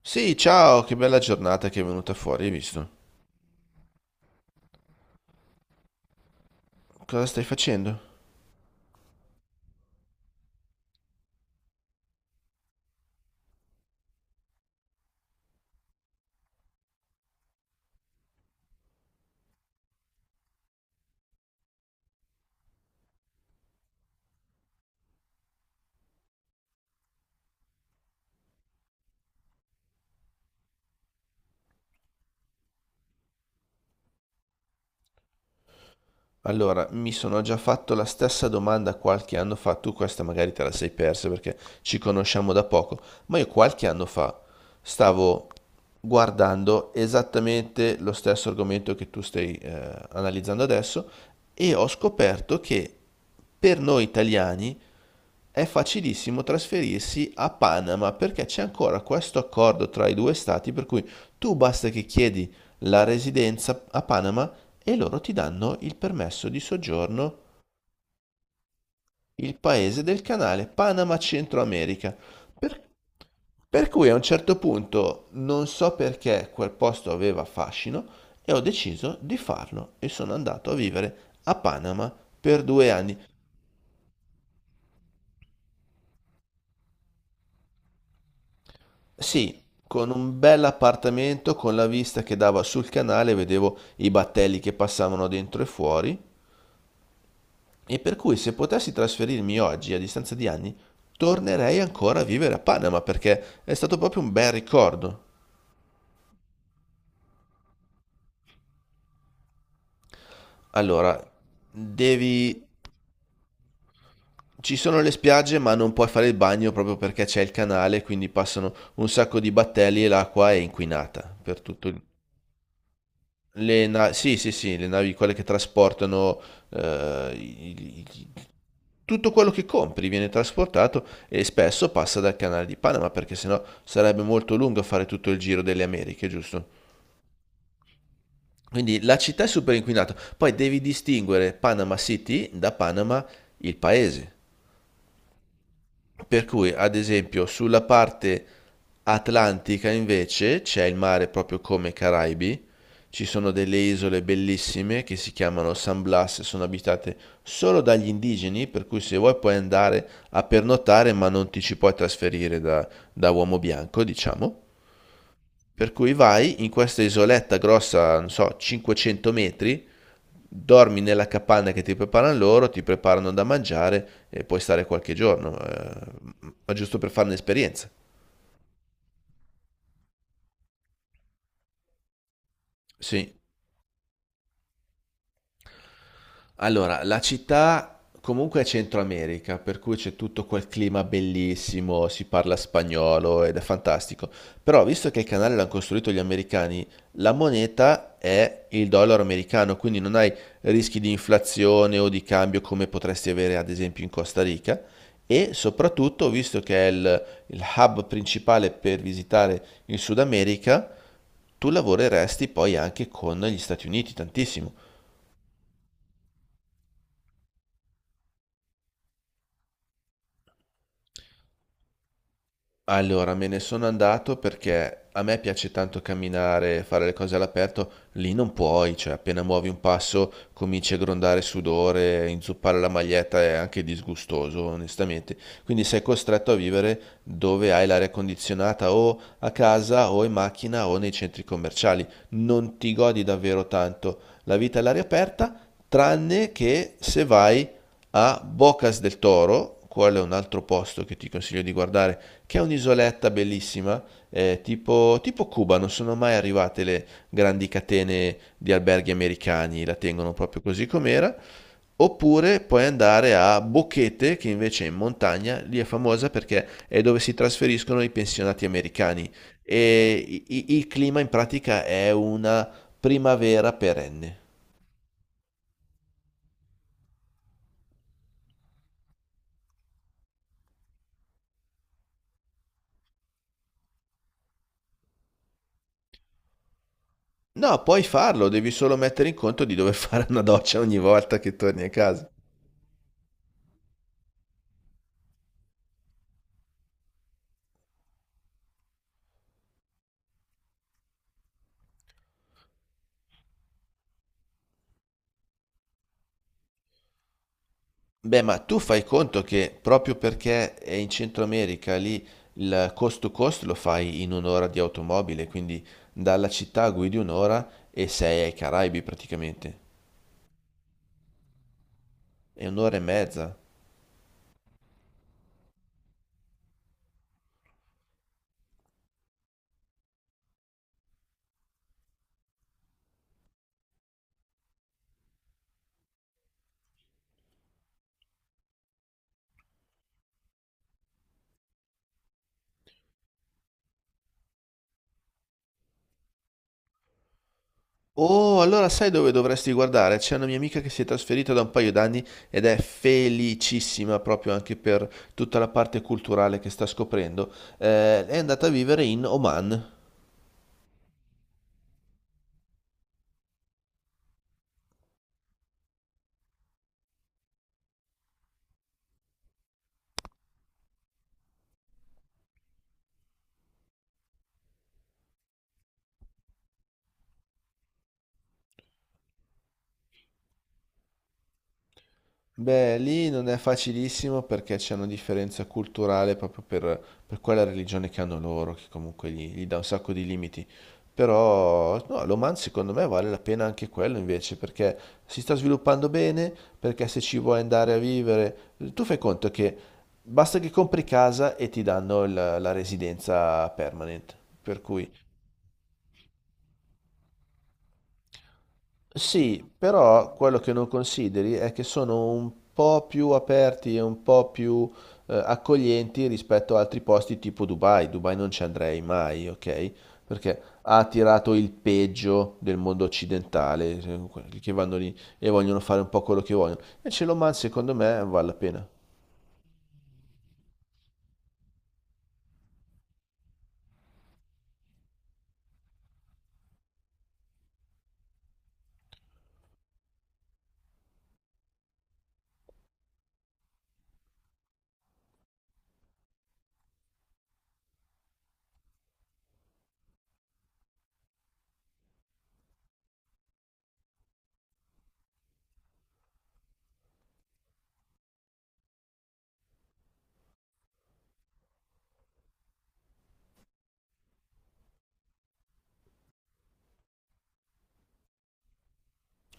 Sì, ciao, che bella giornata che è venuta fuori, hai visto? Cosa stai facendo? Allora, mi sono già fatto la stessa domanda qualche anno fa, tu questa magari te la sei persa perché ci conosciamo da poco, ma io qualche anno fa stavo guardando esattamente lo stesso argomento che tu stai analizzando adesso e ho scoperto che per noi italiani è facilissimo trasferirsi a Panama perché c'è ancora questo accordo tra i due stati per cui tu basta che chiedi la residenza a Panama e loro ti danno il permesso di soggiorno. Il paese del canale, Panama, Centro America. Per, per cui a un certo punto non so perché quel posto aveva fascino e ho deciso di farlo e sono andato a vivere a Panama per 2 anni. Sì, con un bel appartamento con la vista che dava sul canale, vedevo i battelli che passavano dentro e fuori. E per cui se potessi trasferirmi oggi, a distanza di anni, tornerei ancora a vivere a Panama perché è stato proprio un bel ricordo. Allora, devi. Ci sono le spiagge, ma non puoi fare il bagno proprio perché c'è il canale, quindi passano un sacco di battelli e l'acqua è inquinata per tutto il... Sì, sì, sì, le navi, quelle che trasportano eh, i- i- i- tutto quello che compri viene trasportato e spesso passa dal canale di Panama perché sennò sarebbe molto lungo fare tutto il giro delle Americhe, giusto? Quindi la città è super inquinata. Poi devi distinguere Panama City da Panama il paese. Per cui, ad esempio, sulla parte atlantica invece c'è il mare proprio come i Caraibi, ci sono delle isole bellissime che si chiamano San Blas, sono abitate solo dagli indigeni, per cui se vuoi puoi andare a pernottare, ma non ti ci puoi trasferire da uomo bianco, diciamo. Per cui vai in questa isoletta grossa, non so, 500 metri. Dormi nella capanna che ti preparano loro, ti preparano da mangiare e puoi stare qualche giorno, ma giusto per fare un'esperienza. Sì. Allora, la città comunque è Centro America, per cui c'è tutto quel clima bellissimo, si parla spagnolo ed è fantastico. Però, visto che il canale l'hanno costruito gli americani, la moneta è il dollaro americano, quindi non hai rischi di inflazione o di cambio come potresti avere ad esempio in Costa Rica. E soprattutto, visto che è il hub principale per visitare il Sud America, tu lavoreresti poi anche con gli Stati Uniti tantissimo. Allora, me ne sono andato perché a me piace tanto camminare, fare le cose all'aperto, lì non puoi, cioè appena muovi un passo cominci a grondare sudore, inzuppare la maglietta è anche disgustoso, onestamente. Quindi sei costretto a vivere dove hai l'aria condizionata o a casa o in macchina o nei centri commerciali. Non ti godi davvero tanto la vita all'aria aperta, tranne che se vai a Bocas del Toro, quello è un altro posto che ti consiglio di guardare, che è un'isoletta bellissima, tipo Cuba, non sono mai arrivate le grandi catene di alberghi americani, la tengono proprio così com'era. Oppure puoi andare a Boquete, che invece è in montagna, lì è famosa perché è dove si trasferiscono i pensionati americani e il clima in pratica è una primavera perenne. No, puoi farlo, devi solo mettere in conto di dover fare una doccia ogni volta che torni a casa. Beh, ma tu fai conto che proprio perché è in Centro America, lì il coast to coast lo fai in un'ora di automobile, quindi dalla città guidi un'ora e sei ai Caraibi praticamente. È un'ora e mezza. Oh, allora sai dove dovresti guardare? C'è una mia amica che si è trasferita da un paio d'anni ed è felicissima proprio anche per tutta la parte culturale che sta scoprendo. È andata a vivere in Oman. Beh, lì non è facilissimo perché c'è una differenza culturale proprio per quella religione che hanno loro, che comunque gli dà un sacco di limiti. Però, no, l'Oman secondo me vale la pena anche quello invece, perché si sta sviluppando bene, perché se ci vuoi andare a vivere, tu fai conto che basta che compri casa e ti danno la residenza permanent. Per cui. Sì, però quello che non consideri è che sono un po' più aperti e un po' più accoglienti rispetto a altri posti tipo Dubai. Dubai non ci andrei mai, ok? Perché ha attirato il peggio del mondo occidentale, quelli che vanno lì e vogliono fare un po' quello che vogliono. Invece l'Oman, secondo me, vale la pena.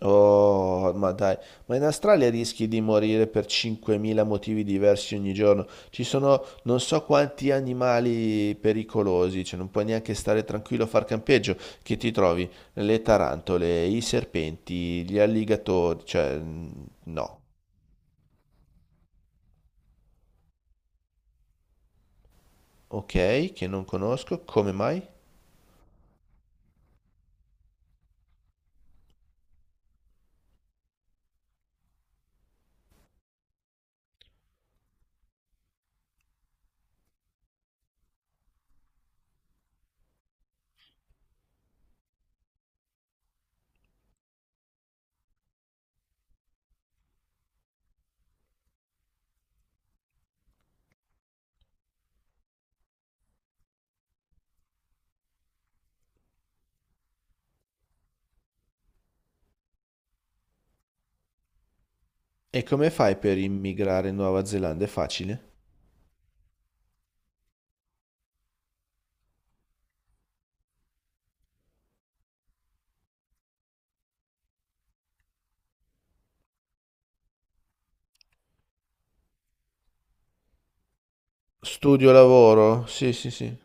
Oh, ma dai, ma in Australia rischi di morire per 5.000 motivi diversi ogni giorno. Ci sono non so quanti animali pericolosi, cioè non puoi neanche stare tranquillo a far campeggio, che ti trovi le tarantole, i serpenti, gli alligatori, cioè no. Ok, che non conosco, come mai? E come fai per immigrare in Nuova Zelanda? È facile? Studio lavoro? Sì, sì, sì.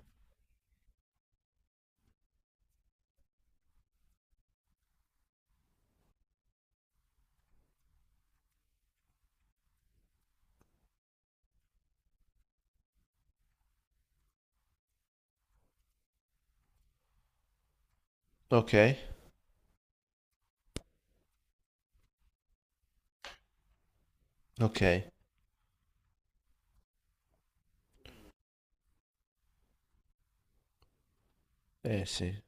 Ok, ok. Eh sì.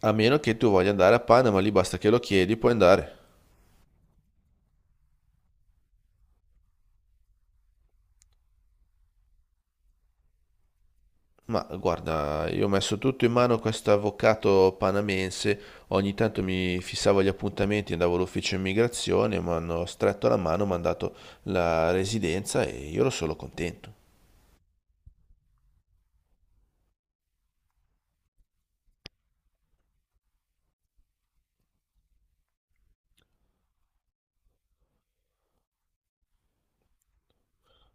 A meno che tu voglia andare a Panama, lì basta che lo chiedi, puoi andare. Ma guarda, io ho messo tutto in mano a questo avvocato panamense, ogni tanto mi fissavo gli appuntamenti, andavo all'ufficio immigrazione, mi hanno stretto la mano, mi hanno dato la residenza e io ero solo contento.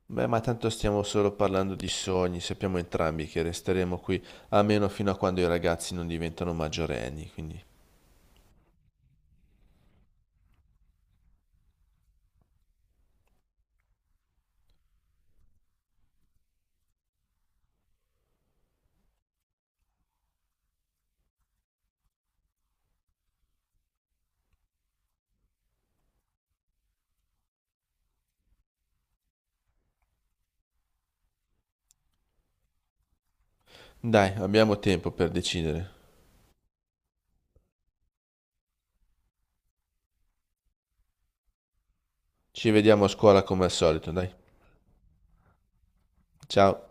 Beh, ma tanto stiamo solo parlando di sogni, sappiamo entrambi che resteremo qui almeno fino a quando i ragazzi non diventano maggiorenni, quindi dai, abbiamo tempo per decidere. Ci vediamo a scuola come al solito, dai. Ciao.